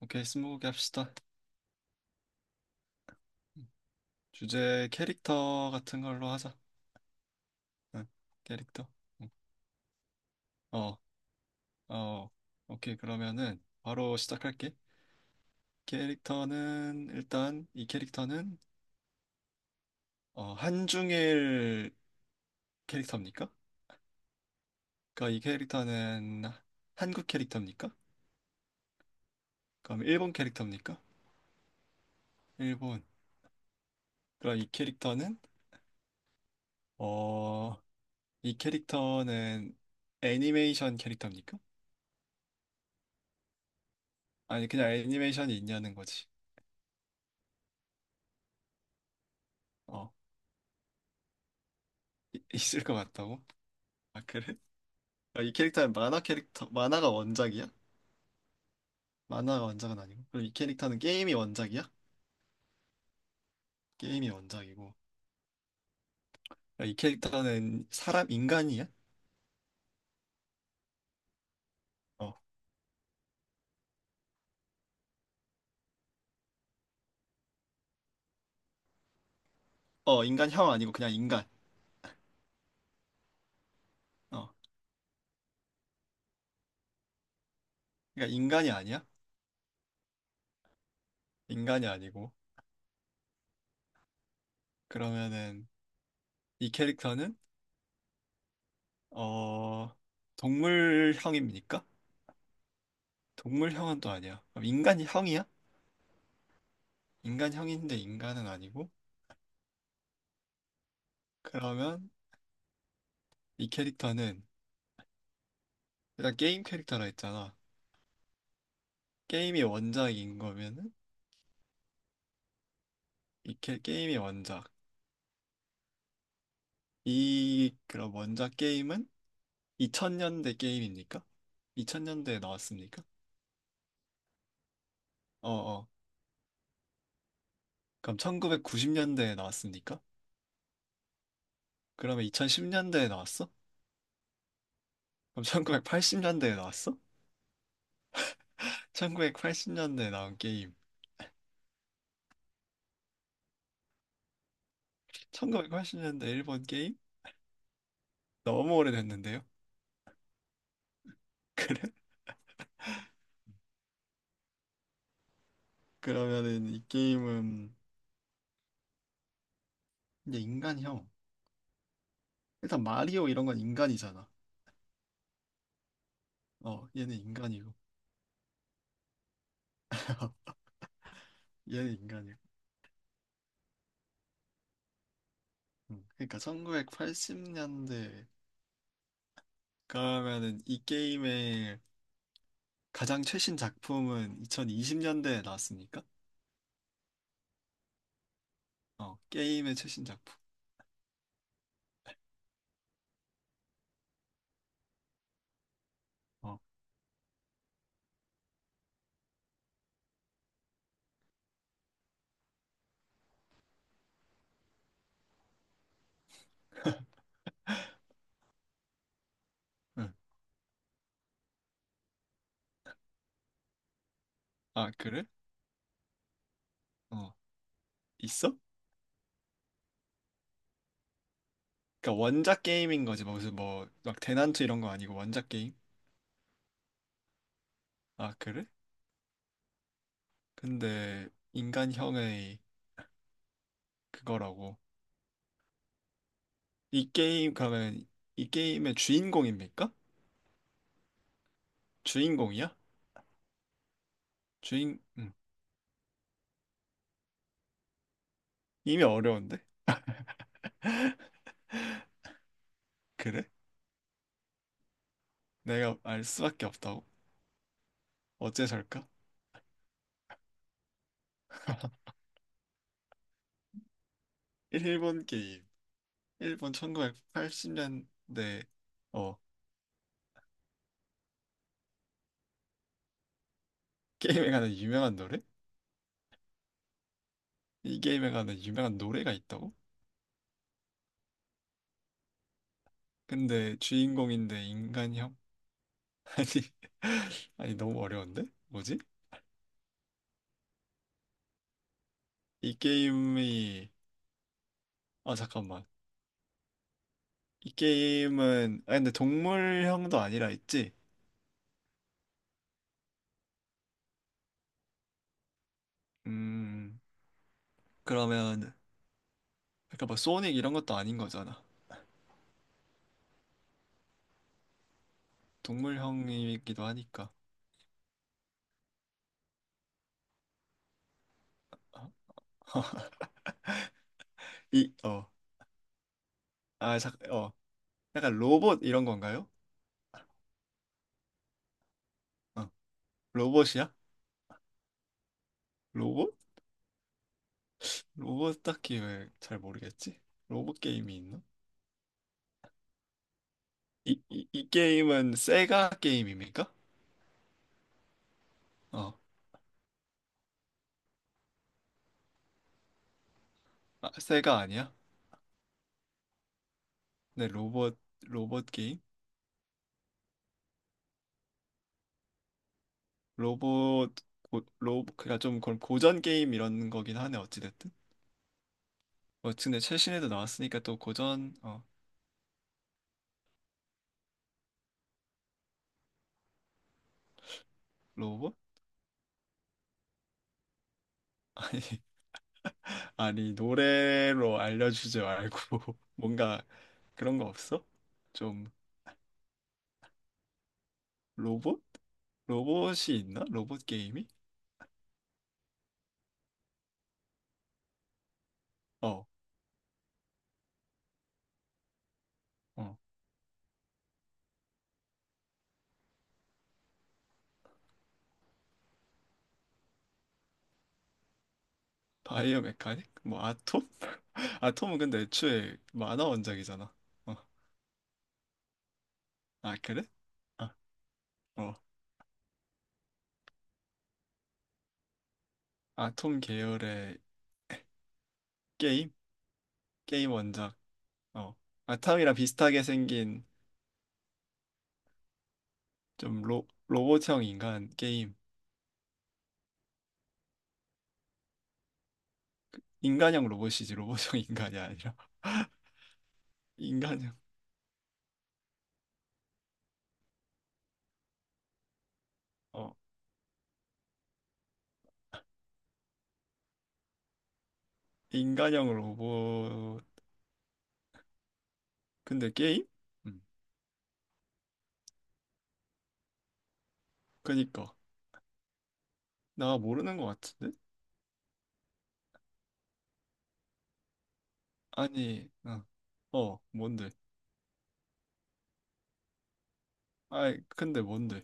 오케이, 스무고개 합시다. 주제 캐릭터 같은 걸로 하자. 응, 캐릭터. 응. 어, 어, 오케이. 그러면은 바로 시작할게. 캐릭터는 일단 이 캐릭터는 한중일 캐릭터입니까? 그러니까 이 캐릭터는 한국 캐릭터입니까? 그럼 일본 캐릭터입니까? 일본. 그럼 이 캐릭터는 어, 이 캐릭터는 애니메이션 캐릭터입니까? 아니 그냥 애니메이션이 있냐는 거지. 어, 있을 것 같다고? 아, 그래? 아, 이 캐릭터는 만화 캐릭터, 만화가 원작이야? 만화가 원작은 아니고. 그럼 이 캐릭터는 게임이 원작이야? 게임이 원작이고. 아, 이 캐릭터는 사람, 인간이야? 어. 어, 인간형 아니고 그냥 인간. 어. 그러니까 인간이 아니야? 인간이 아니고. 그러면은 이 캐릭터는, 어, 동물형입니까? 동물형은 또 아니야. 그럼 인간형이야? 인간형인데 인간은 아니고. 그러면 이 캐릭터는 일단 게임 캐릭터라 했잖아. 게임이 원작인 거면은 이게 게임의 원작. 이 그럼 원작 게임은 2000년대 게임입니까? 2000년대에 나왔습니까? 어어. 그럼 1990년대에 나왔습니까? 그러면 2010년대에 나왔어? 그럼 1980년대에 나왔어? 1980년대에 나온 게임. 1980년대 일본 게임? 너무 오래됐는데요? 그러면은 이 게임은 이제 인간형. 일단 마리오 이런 건 인간이잖아. 어, 얘는 인간이고, 얘는 인간이고. 그러니까 1980년대 그러면은 이 게임의 가장 최신 작품은 2020년대에 나왔습니까? 어, 게임의 최신 작품. 어, 응. 아, 그래? 어, 있어? 그러니까 원작 게임인 거지. 뭐 무슨 대난투 이런 거 아니고 원작 게임? 아, 그래? 근데 인간형의 그거라고. 이 게임 그러면 이 게임의 주인공입니까? 주인공이야? 주인 이미 어려운데? 그래? 내가 알 수밖에 없다고? 어째서일까? 일본 게임. 일본 1980년대 어 게임에 관한 유명한 노래? 이 게임에 관한 유명한 노래가 있다고? 근데 주인공인데 인간형? 아니 아니 너무 어려운데? 뭐지? 이 게임이 아 잠깐만. 이 게임은 아 근데 동물형도 아니라 있지? 음. 그러면 그러니까 막 소닉 이런 것도 아닌 거잖아. 동물형이기도 하니까. 이 어 아 잠깐 어 약간 로봇 이런 건가요? 어 로봇이야? 로봇? 로봇 딱히 왜 잘 모르겠지? 로봇 게임이 있나? 이 게임은 세가 게임입니까? 어, 아, 세가 아니야? 네, 로봇, 로봇 게임? 로봇, 고, 로봇, 그니까 좀 그런 고전 게임 이런 거긴 하네, 어찌됐든. 뭐, 근데 최신에도 나왔으니까 또 고전, 어, 로봇? 아니, 아니, 노래로 알려주지 말고, 뭔가 그런 거 없어? 좀, 로봇? 로봇이 있나? 로봇 게임이? 어. 어. 바이오 메카닉? 뭐 아톰? 아톰은 근데 애초에 만화 원작이잖아. 어. 아, 그래? 아, 어. 아톰 계열의 게임? 게임 원작. 어. 아탐이랑 비슷하게 생긴 좀 로봇형 인간 게임. 인간형 로봇이지 로봇형 인간이 아니라. 인간형. 어. 인간형 로봇. 근데 게임? 음. 그니까. 나 모르는 것 같은데? 아니, 어. 어, 뭔데? 아이, 근데 뭔데?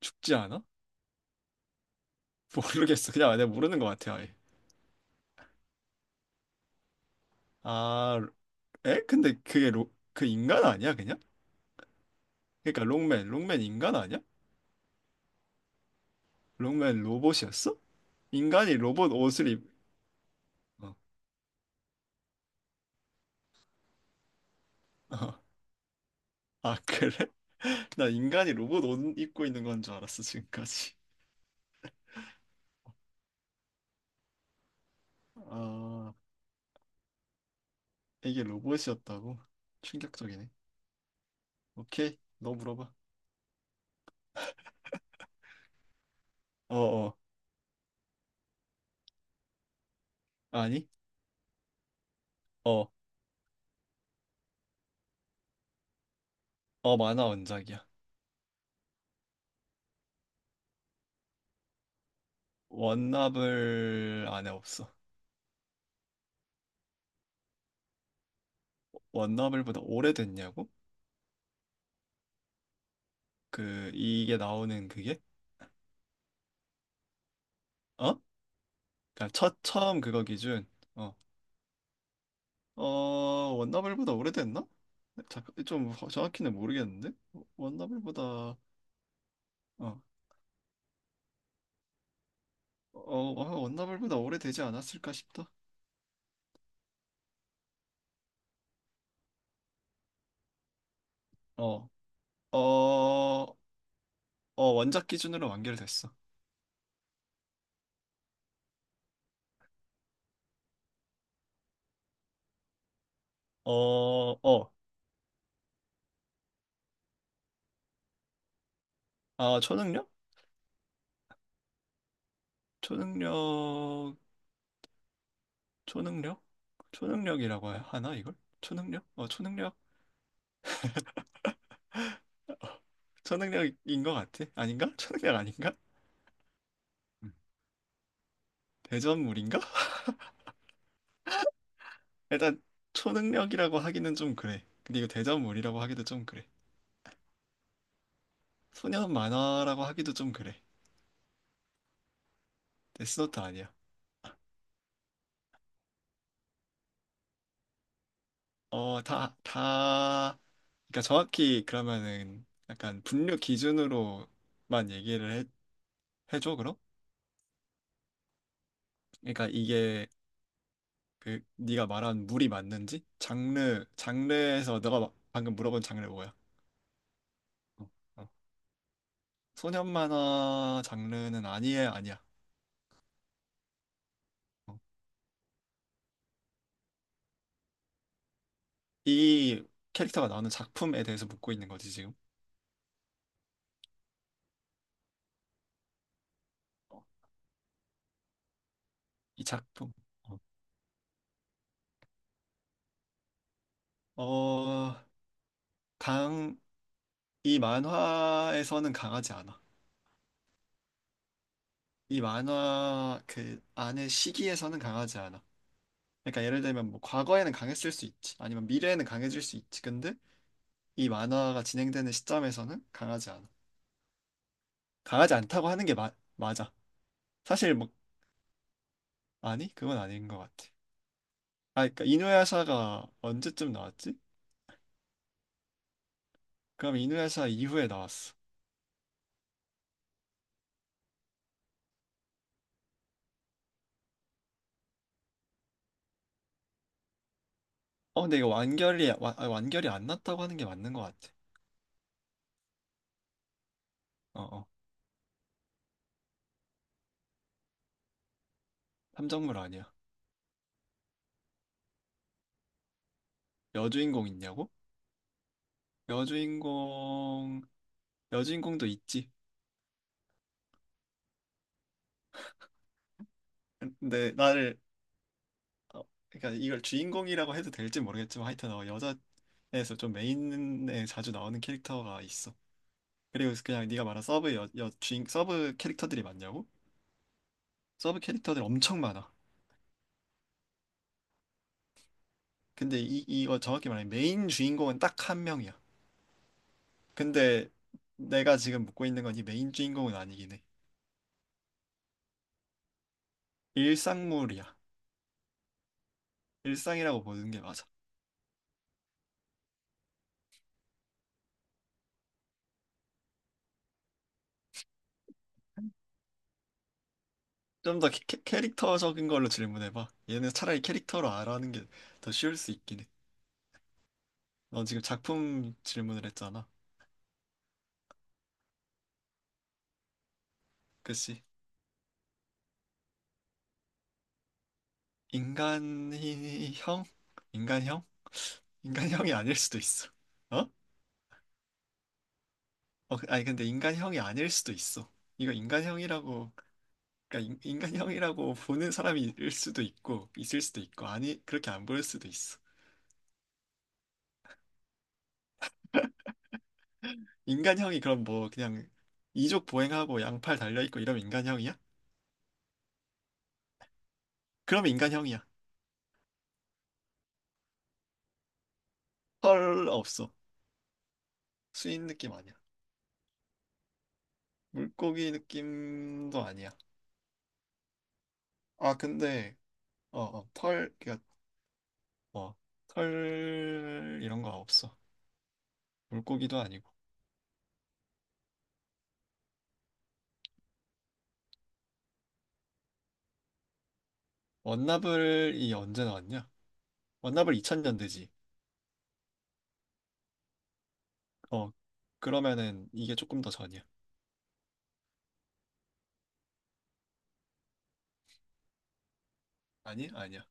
죽지 않아? 모르겠어. 그냥 내가 모르는 것 같아, 아예. 아, 에? 근데 그게 그 인간 아니야, 그냥? 그러니까 롱맨 인간 아니야? 롱맨 로봇이었어? 인간이 로봇 옷을 입... 어. 어. 아, 그래? 나 인간이 로봇 옷 입고 있는 건 줄 알았어, 지금까지. 아, 이게 로봇이었다고? 충격적이네. 오케이, 너 물어봐. 어어, 아니? 어, 어, 만화 원작이야. 원나블 안에 없어. 원나블보다 오래됐냐고? 그 이게 나오는 그게 어? 그러니까 첫 처음 그거 기준 어, 어 원나블보다 오래됐나? 자, 정확히는 모르겠는데 원나블보다 어, 원나블보다 오래되지 않았을까 싶다. 어, 어, 어 원작 기준으로 완결됐어. 어, 어, 아 초능력? 초능력, 초능력, 초능력이라고 하나 이걸? 초능력? 어 초능력, 초능력인 것 같아. 아닌가? 초능력 아닌가? 음. 대전물인가? 일단 초능력이라고 하기는 좀 그래. 근데 이거 대자물이라고 하기도 좀 그래. 소년 만화라고 하기도 좀 그래. 데스노트 아니야. 어, 다, 다, 그러니까 정확히 그러면은 약간 분류 기준으로만 얘기를 해, 해줘, 그럼? 그러니까 이게 그 네가 말한 물이 맞는지? 장르, 장르에서 너가 방금 물어본 장르 뭐야? 어, 어. 소년 만화 장르는 아니에, 아니야. 어. 이 캐릭터가 나오는 작품에 대해서 묻고 있는 거지, 지금. 이 작품. 어, 어, 강, 이 만화에서는 강하지 않아. 이 만화 그 안의 시기에서는 강하지 않아. 그러니까 예를 들면 뭐 과거에는 강했을 수 있지. 아니면 미래에는 강해질 수 있지. 근데 이 만화가 진행되는 시점에서는 강하지 않아. 강하지 않다고 하는 게 마, 맞아. 사실 뭐 아니? 그건 아닌 것 같아. 아, 그러니까 이누야샤가 언제쯤 나왔지? 그럼 이누야샤 이후에 나왔어. 어, 근데 이거 아, 완결이 안 났다고 하는 게 맞는 것 같아. 어, 어. 탐정물 아니야. 여주인공 있냐고? 여주인공, 여주인공도 있지. 근데 나를, 어, 그러니까 이걸 주인공이라고 해도 될지 모르겠지만 하여튼 어, 여자에서 좀 메인에 자주 나오는 캐릭터가 있어. 그리고 그냥 네가 말한 서브 여, 여 주인, 서브 캐릭터들이 많냐고? 서브 캐릭터들 엄청 많아. 근데 이거 정확히 말하면 메인 주인공은 딱 한 명이야. 근데 내가 지금 묻고 있는 건 이 메인 주인공은 아니긴 해. 일상물이야. 일상이라고 보는 게 맞아. 좀 더 캐릭터적인 걸로 질문해봐. 얘는 차라리 캐릭터로 알아하는 게 더 쉬울 수 있긴 해. 넌 지금 작품 질문을 했잖아. 그치? 인간형? 인간형? 인간형이 아닐 수도 있어. 어? 어, 아니 근데 인간형이 아닐 수도 있어. 이거 인간형이라고, 그러니까 인간형이라고 보는 사람이 일 수도 있고, 있을 수도 있고, 아니 그렇게 안 보일 수도 있어. 인간형이 그럼 뭐 그냥 이족 보행하고 양팔 달려 있고 이러면 인간형이야? 그러면 인간형이야. 헐 없어. 수인 느낌 아니야. 물고기 느낌도 아니야. 아, 근데, 어, 어, 털, 그, 어, 털, 이런 거 없어. 물고기도 아니고. 원나블이 언제 나왔냐? 원나블 2000년대지. 어, 그러면은 이게 조금 더 전이야. 아니, 아니야.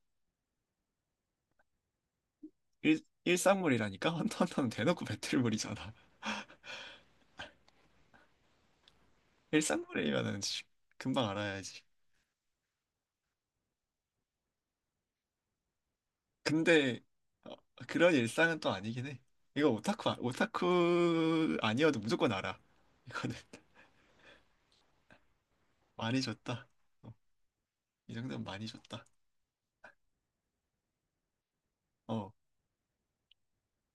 일상물이라니까? 헌터헌터는 대놓고 배틀물이잖아. 일상물이면은 씨, 금방 알아야지. 근데, 어, 그런 일상은 또 아니긴 해. 이거 오타쿠 아니어도 무조건 알아. 이거는. 많이 줬다. 어, 이 정도면 많이 줬다. 어,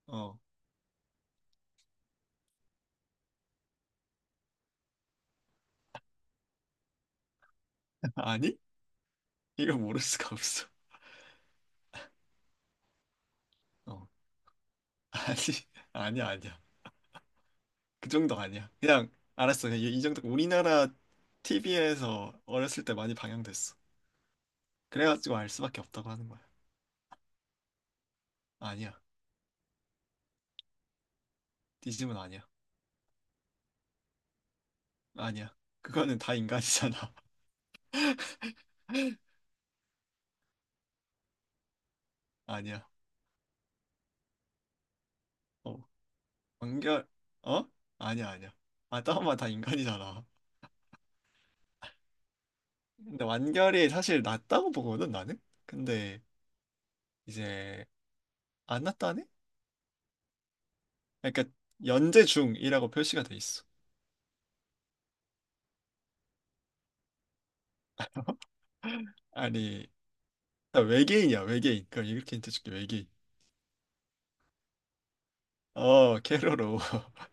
어. 아니? 이거 모를 수가 없어. 어. 아니, 아니야, 아니야. 그 정도 아니야. 그냥, 알았어. 그냥 이 정도. 우리나라 TV에서 어렸을 때 많이 방영됐어. 그래가지고 알 수밖에 없다고 하는 거야. 아니야. 디즘은 아니야. 아니야. 그거는 다 인간이잖아. 아니야. 어. 완결, 어? 아니야, 아니야. 아, 다운만 다 인간이잖아. 근데 완결이 사실 낫다고 보거든, 나는? 근데, 이제, 안 낫다네? 그러니까 연재 중이라고 표시가 돼 있어. 아니, 나 외계인이야, 외계인. 그럼 이렇게 힌트 줄게, 외계인. 어, 캐로로.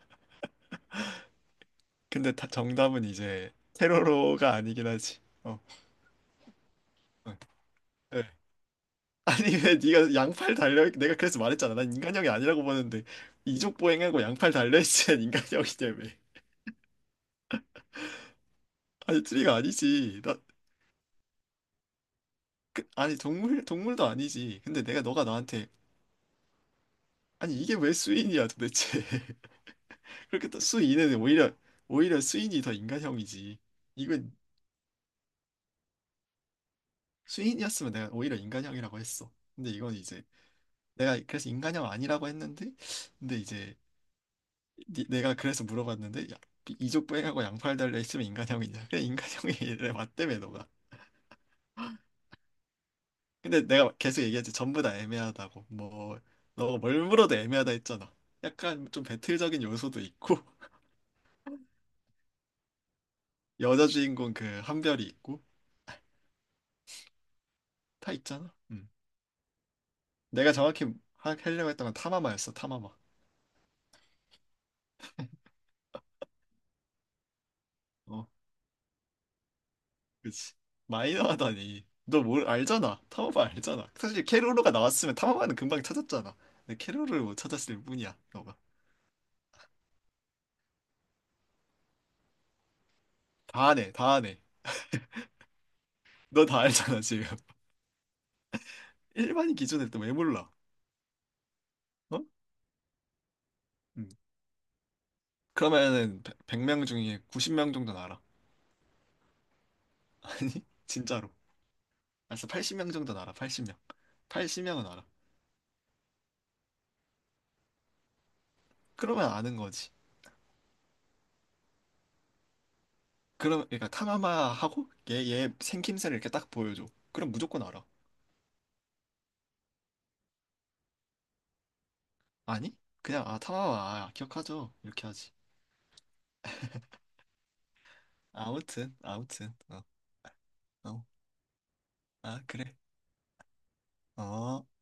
근데 다 정답은 이제 캐로로가 아니긴 하지. 어, 어, 네. 아니, 왜 네가 양팔 달려? 내가 그래서 말했잖아. 난 인간형이 아니라고 보는데 이족 보행하고 양팔 달려있지면 인간형이냐며. 아니, 트리가 아니지. 나, 그, 아니, 동물도 아니지. 근데 내가 너가 나한테 아니, 이게 왜 수인이야, 도대체. 그렇게 또 수인은 오히려 오히려 수인이 더 인간형이지. 이건 수인이었으면 내가 오히려 인간형이라고 했어. 근데 이건 이제 내가 그래서 인간형 아니라고 했는데 근데 이제 내가 그래서 물어봤는데 야, 이족 보행하고 양팔 달려 있으면 인간형이냐? 그래 인간형이래. 맞다며 너가. 근데 내가 계속 얘기했지 전부 다 애매하다고. 뭐 너가 뭘 물어도 애매하다 했잖아. 약간 좀 배틀적인 요소도 있고 여자 주인공 그 한별이 있고 다 있잖아. 음. 내가 정확히 하려고 했던 건 타마마였어, 타마마. 어, 그치. 마이너하다니. 너 뭘 알잖아. 타마바 알잖아. 사실 캐로로가 나왔으면 타마바는 금방 찾았잖아. 근데 캐로로를 못 찾았을 뿐이야, 너가. 다 아네, 다 아네. 너 다 알잖아, 지금. 일반인 기준에 또 왜 몰라? 어? 음. 그러면은 100명 중에 90명 정도는 알아. 아니, 진짜로. 알았어, 80명 정도는 알아, 80명. 80명은 알아. 그러면 아는 거지. 그럼, 그러니까 타마마하고 얘, 얘 생김새를 이렇게 딱 보여줘. 그럼 무조건 알아. 아니? 그냥 아 타마와 아, 기억하죠 이렇게 하지. 아무튼 아무튼 어, 어. 아 그래 어